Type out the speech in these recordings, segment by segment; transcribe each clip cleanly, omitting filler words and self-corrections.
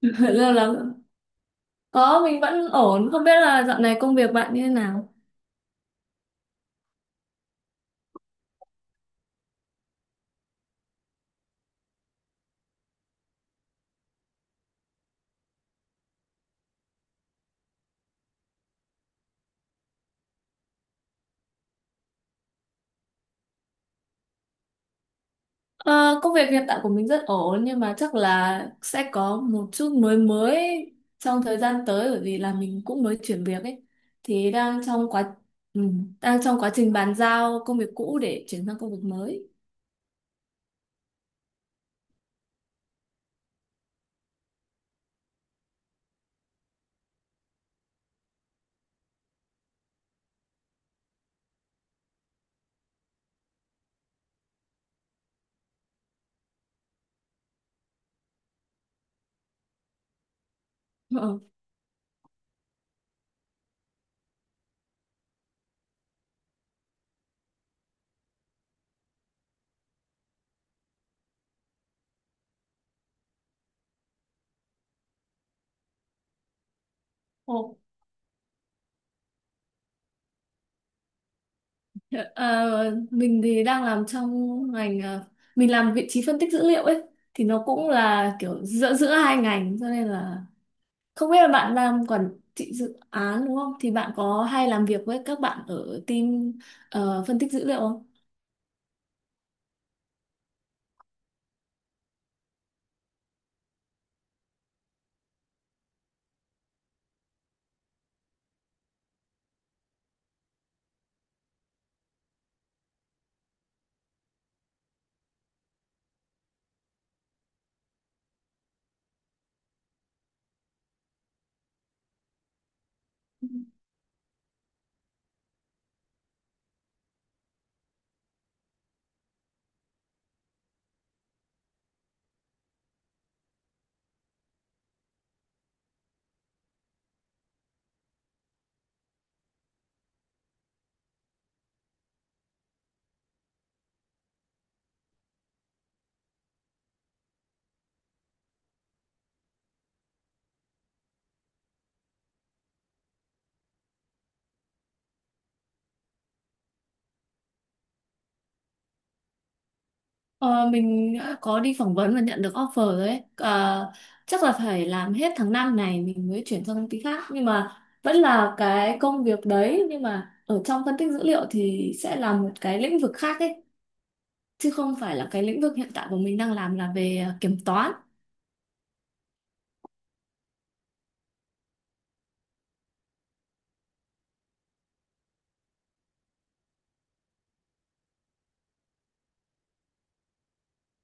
lâu lắm. Có, mình vẫn ổn, không biết là dạo này công việc bạn như thế nào? Ờ, Công việc hiện tại của mình rất ổn, nhưng mà chắc là sẽ có một chút mới mới trong thời gian tới, bởi vì là mình cũng mới chuyển việc ấy, thì ừ, đang trong quá trình bàn giao công việc cũ để chuyển sang công việc mới. Ờ, ồ, ờ, mình thì đang làm trong ngành, mình làm vị trí phân tích dữ liệu ấy, thì nó cũng là kiểu giữa giữa hai ngành, cho nên là không biết là bạn làm quản trị dự án đúng không? Thì bạn có hay làm việc với các bạn ở team phân tích dữ liệu không? Ờ, mình đã có đi phỏng vấn và nhận được offer rồi đấy. Ờ, Chắc là phải làm hết tháng 5 này mình mới chuyển sang công ty khác. Nhưng mà vẫn là cái công việc đấy. Nhưng mà ở trong phân tích dữ liệu thì sẽ là một cái lĩnh vực khác ấy. Chứ không phải là cái lĩnh vực hiện tại của mình đang làm là về kiểm toán.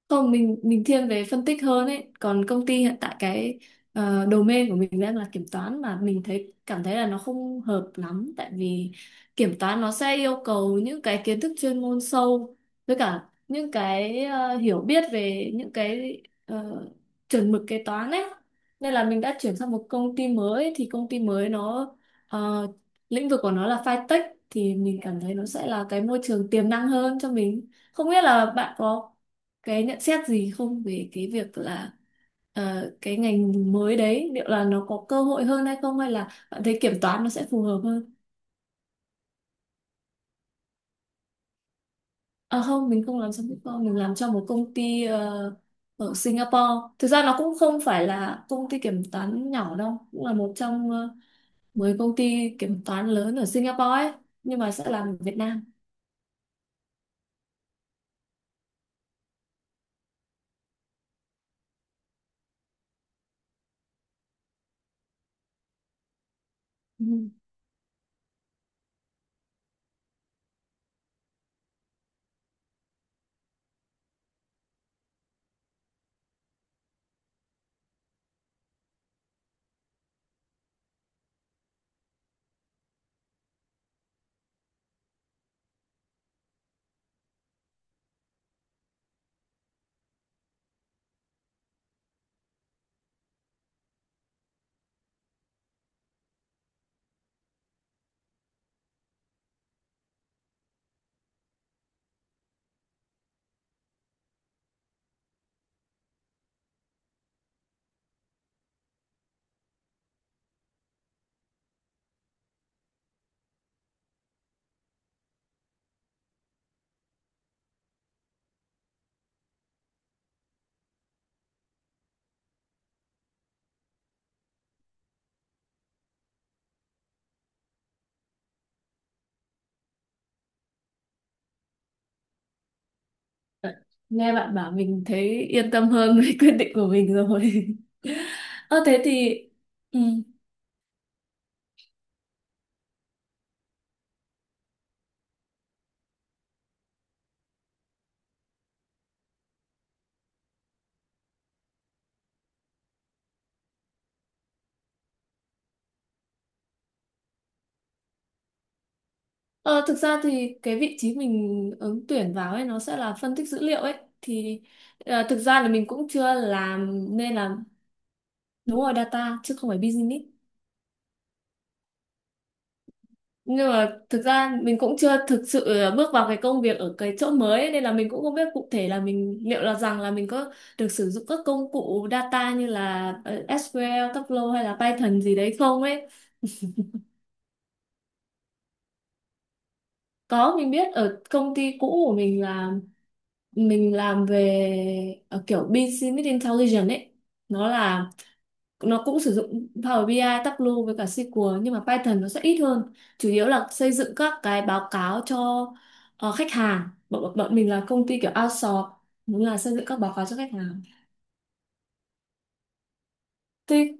Không, mình thiên về phân tích hơn ấy, còn công ty hiện tại cái domain của mình đang là kiểm toán, mà mình cảm thấy là nó không hợp lắm, tại vì kiểm toán nó sẽ yêu cầu những cái kiến thức chuyên môn sâu, với cả những cái hiểu biết về những cái chuẩn mực kế toán ấy, nên là mình đã chuyển sang một công ty mới, thì công ty mới nó ờ, lĩnh vực của nó là fintech, thì mình cảm thấy nó sẽ là cái môi trường tiềm năng hơn cho mình. Không biết là bạn có cái nhận xét gì không về cái việc là cái ngành mới đấy liệu là nó có cơ hội hơn hay không, hay là bạn thấy kiểm toán nó sẽ phù hợp hơn? À không, mình không làm cho Bitcoin, mình làm cho một công ty ở Singapore, thực ra nó cũng không phải là công ty kiểm toán nhỏ đâu, cũng là một trong 10 công ty kiểm toán lớn ở Singapore ấy, nhưng mà sẽ làm ở Việt Nam. Ừ. Nghe bạn bảo mình thấy yên tâm hơn với quyết định của mình rồi. Ơ, thế thì ừ. Ờ, Thực ra thì cái vị trí mình ứng tuyển vào ấy nó sẽ là phân tích dữ liệu ấy, thì thực ra là mình cũng chưa làm, nên là đúng rồi, data chứ không phải business, nhưng mà thực ra mình cũng chưa thực sự bước vào cái công việc ở cái chỗ mới ấy, nên là mình cũng không biết cụ thể là mình liệu là rằng là mình có được sử dụng các công cụ data như là SQL, Tableau hay là Python gì đấy không ấy. Có, mình biết ở công ty cũ của mình là mình làm về kiểu business intelligence ấy, nó là nó cũng sử dụng Power BI, ai, Tableau với cả SQL, nhưng mà Python nó sẽ ít hơn, chủ yếu là xây dựng các cái báo cáo cho khách hàng, bọn, bọn bọn mình là công ty kiểu outsource, đúng là xây dựng các báo cáo cho khách hàng, thì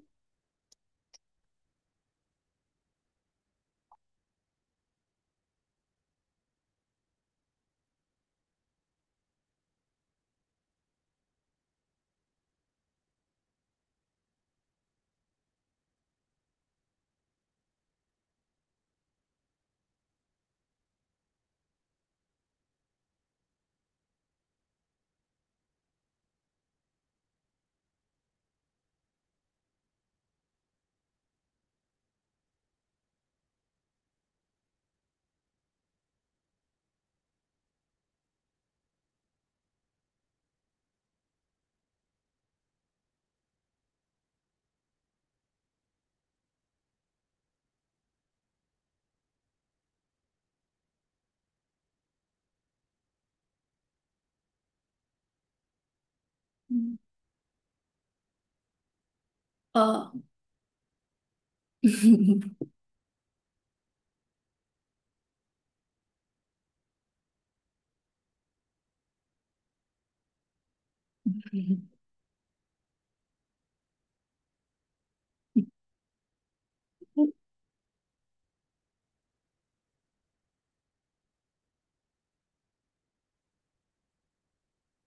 ờ,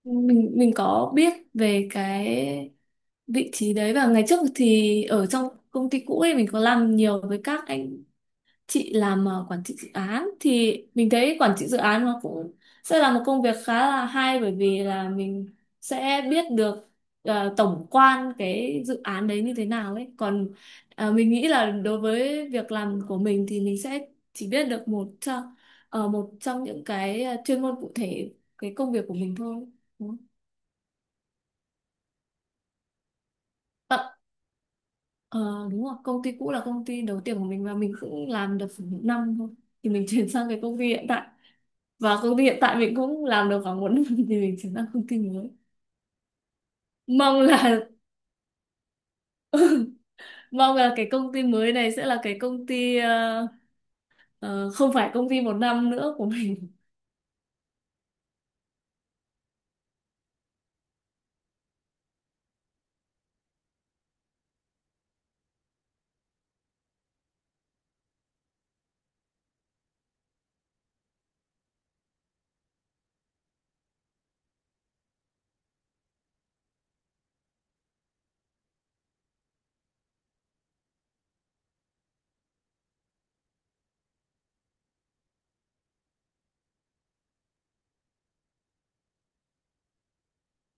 mình có biết về cái vị trí đấy, và ngày trước thì ở trong công ty cũ ấy mình có làm nhiều với các anh chị làm quản trị dự án, thì mình thấy quản trị dự án nó cũng sẽ là một công việc khá là hay, bởi vì là mình sẽ biết được tổng quan cái dự án đấy như thế nào ấy. Còn mình nghĩ là đối với việc làm của mình thì mình sẽ chỉ biết được một trong những cái chuyên môn cụ thể cái công việc của mình thôi, đúng không? Ờ, ờ, Đúng rồi, công ty cũ là công ty đầu tiên của mình, và mình cũng làm được khoảng một năm thôi, thì mình chuyển sang cái công ty hiện tại, và công ty hiện tại mình cũng làm được khoảng một năm thì mình chuyển sang công ty mới. Mong là mong là cái công ty mới này sẽ là cái công ty không phải công ty một năm nữa của mình.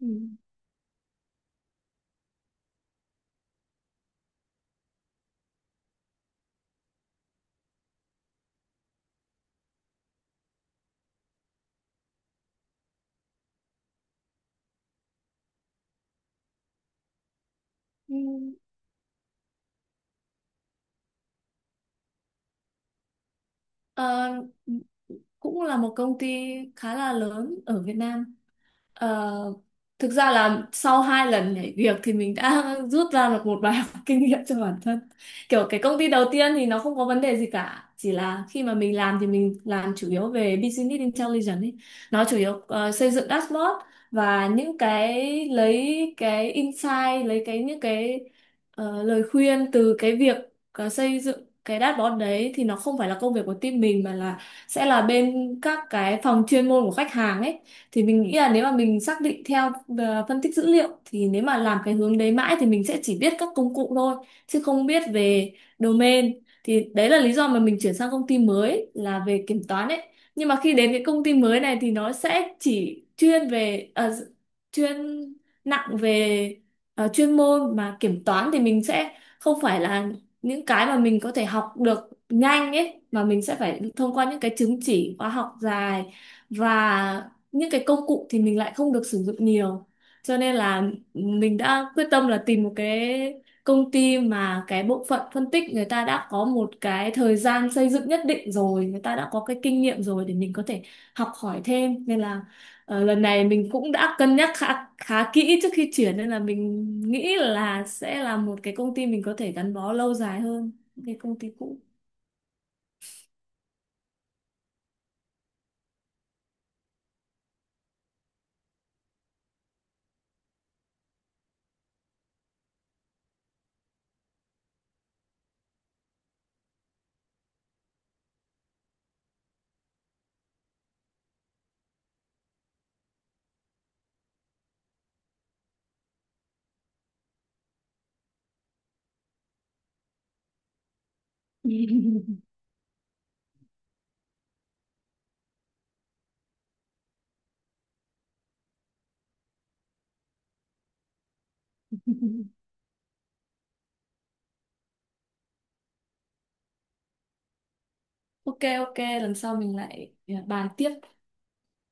Ừ. Ừ. Ờ, Cũng là một công ty khá là lớn ở Việt Nam. Ờ, Thực ra là sau hai lần nhảy việc thì mình đã rút ra được một bài học kinh nghiệm cho bản thân. Kiểu cái công ty đầu tiên thì nó không có vấn đề gì cả, chỉ là khi mà mình làm thì mình làm chủ yếu về business intelligence ấy. Nó chủ yếu xây dựng dashboard và những cái lấy cái insight, lấy cái những cái lời khuyên từ cái việc xây dựng cái dashboard đấy, thì nó không phải là công việc của team mình mà là sẽ là bên các cái phòng chuyên môn của khách hàng ấy. Thì mình nghĩ là nếu mà mình xác định theo phân tích dữ liệu, thì nếu mà làm cái hướng đấy mãi thì mình sẽ chỉ biết các công cụ thôi chứ không biết về domain, thì đấy là lý do mà mình chuyển sang công ty mới là về kiểm toán ấy. Nhưng mà khi đến cái công ty mới này thì nó sẽ chỉ chuyên nặng về chuyên môn, mà kiểm toán thì mình sẽ không phải là những cái mà mình có thể học được nhanh ấy, mà mình sẽ phải thông qua những cái chứng chỉ khóa học dài, và những cái công cụ thì mình lại không được sử dụng nhiều, cho nên là mình đã quyết tâm là tìm một cái công ty mà cái bộ phận phân tích người ta đã có một cái thời gian xây dựng nhất định rồi, người ta đã có cái kinh nghiệm rồi để mình có thể học hỏi thêm, nên là lần này mình cũng đã cân nhắc khá khá kỹ trước khi chuyển, nên là mình nghĩ là sẽ là một cái công ty mình có thể gắn bó lâu dài hơn cái công ty cũ. Ok, ok, lần sau mình lại bàn tiếp.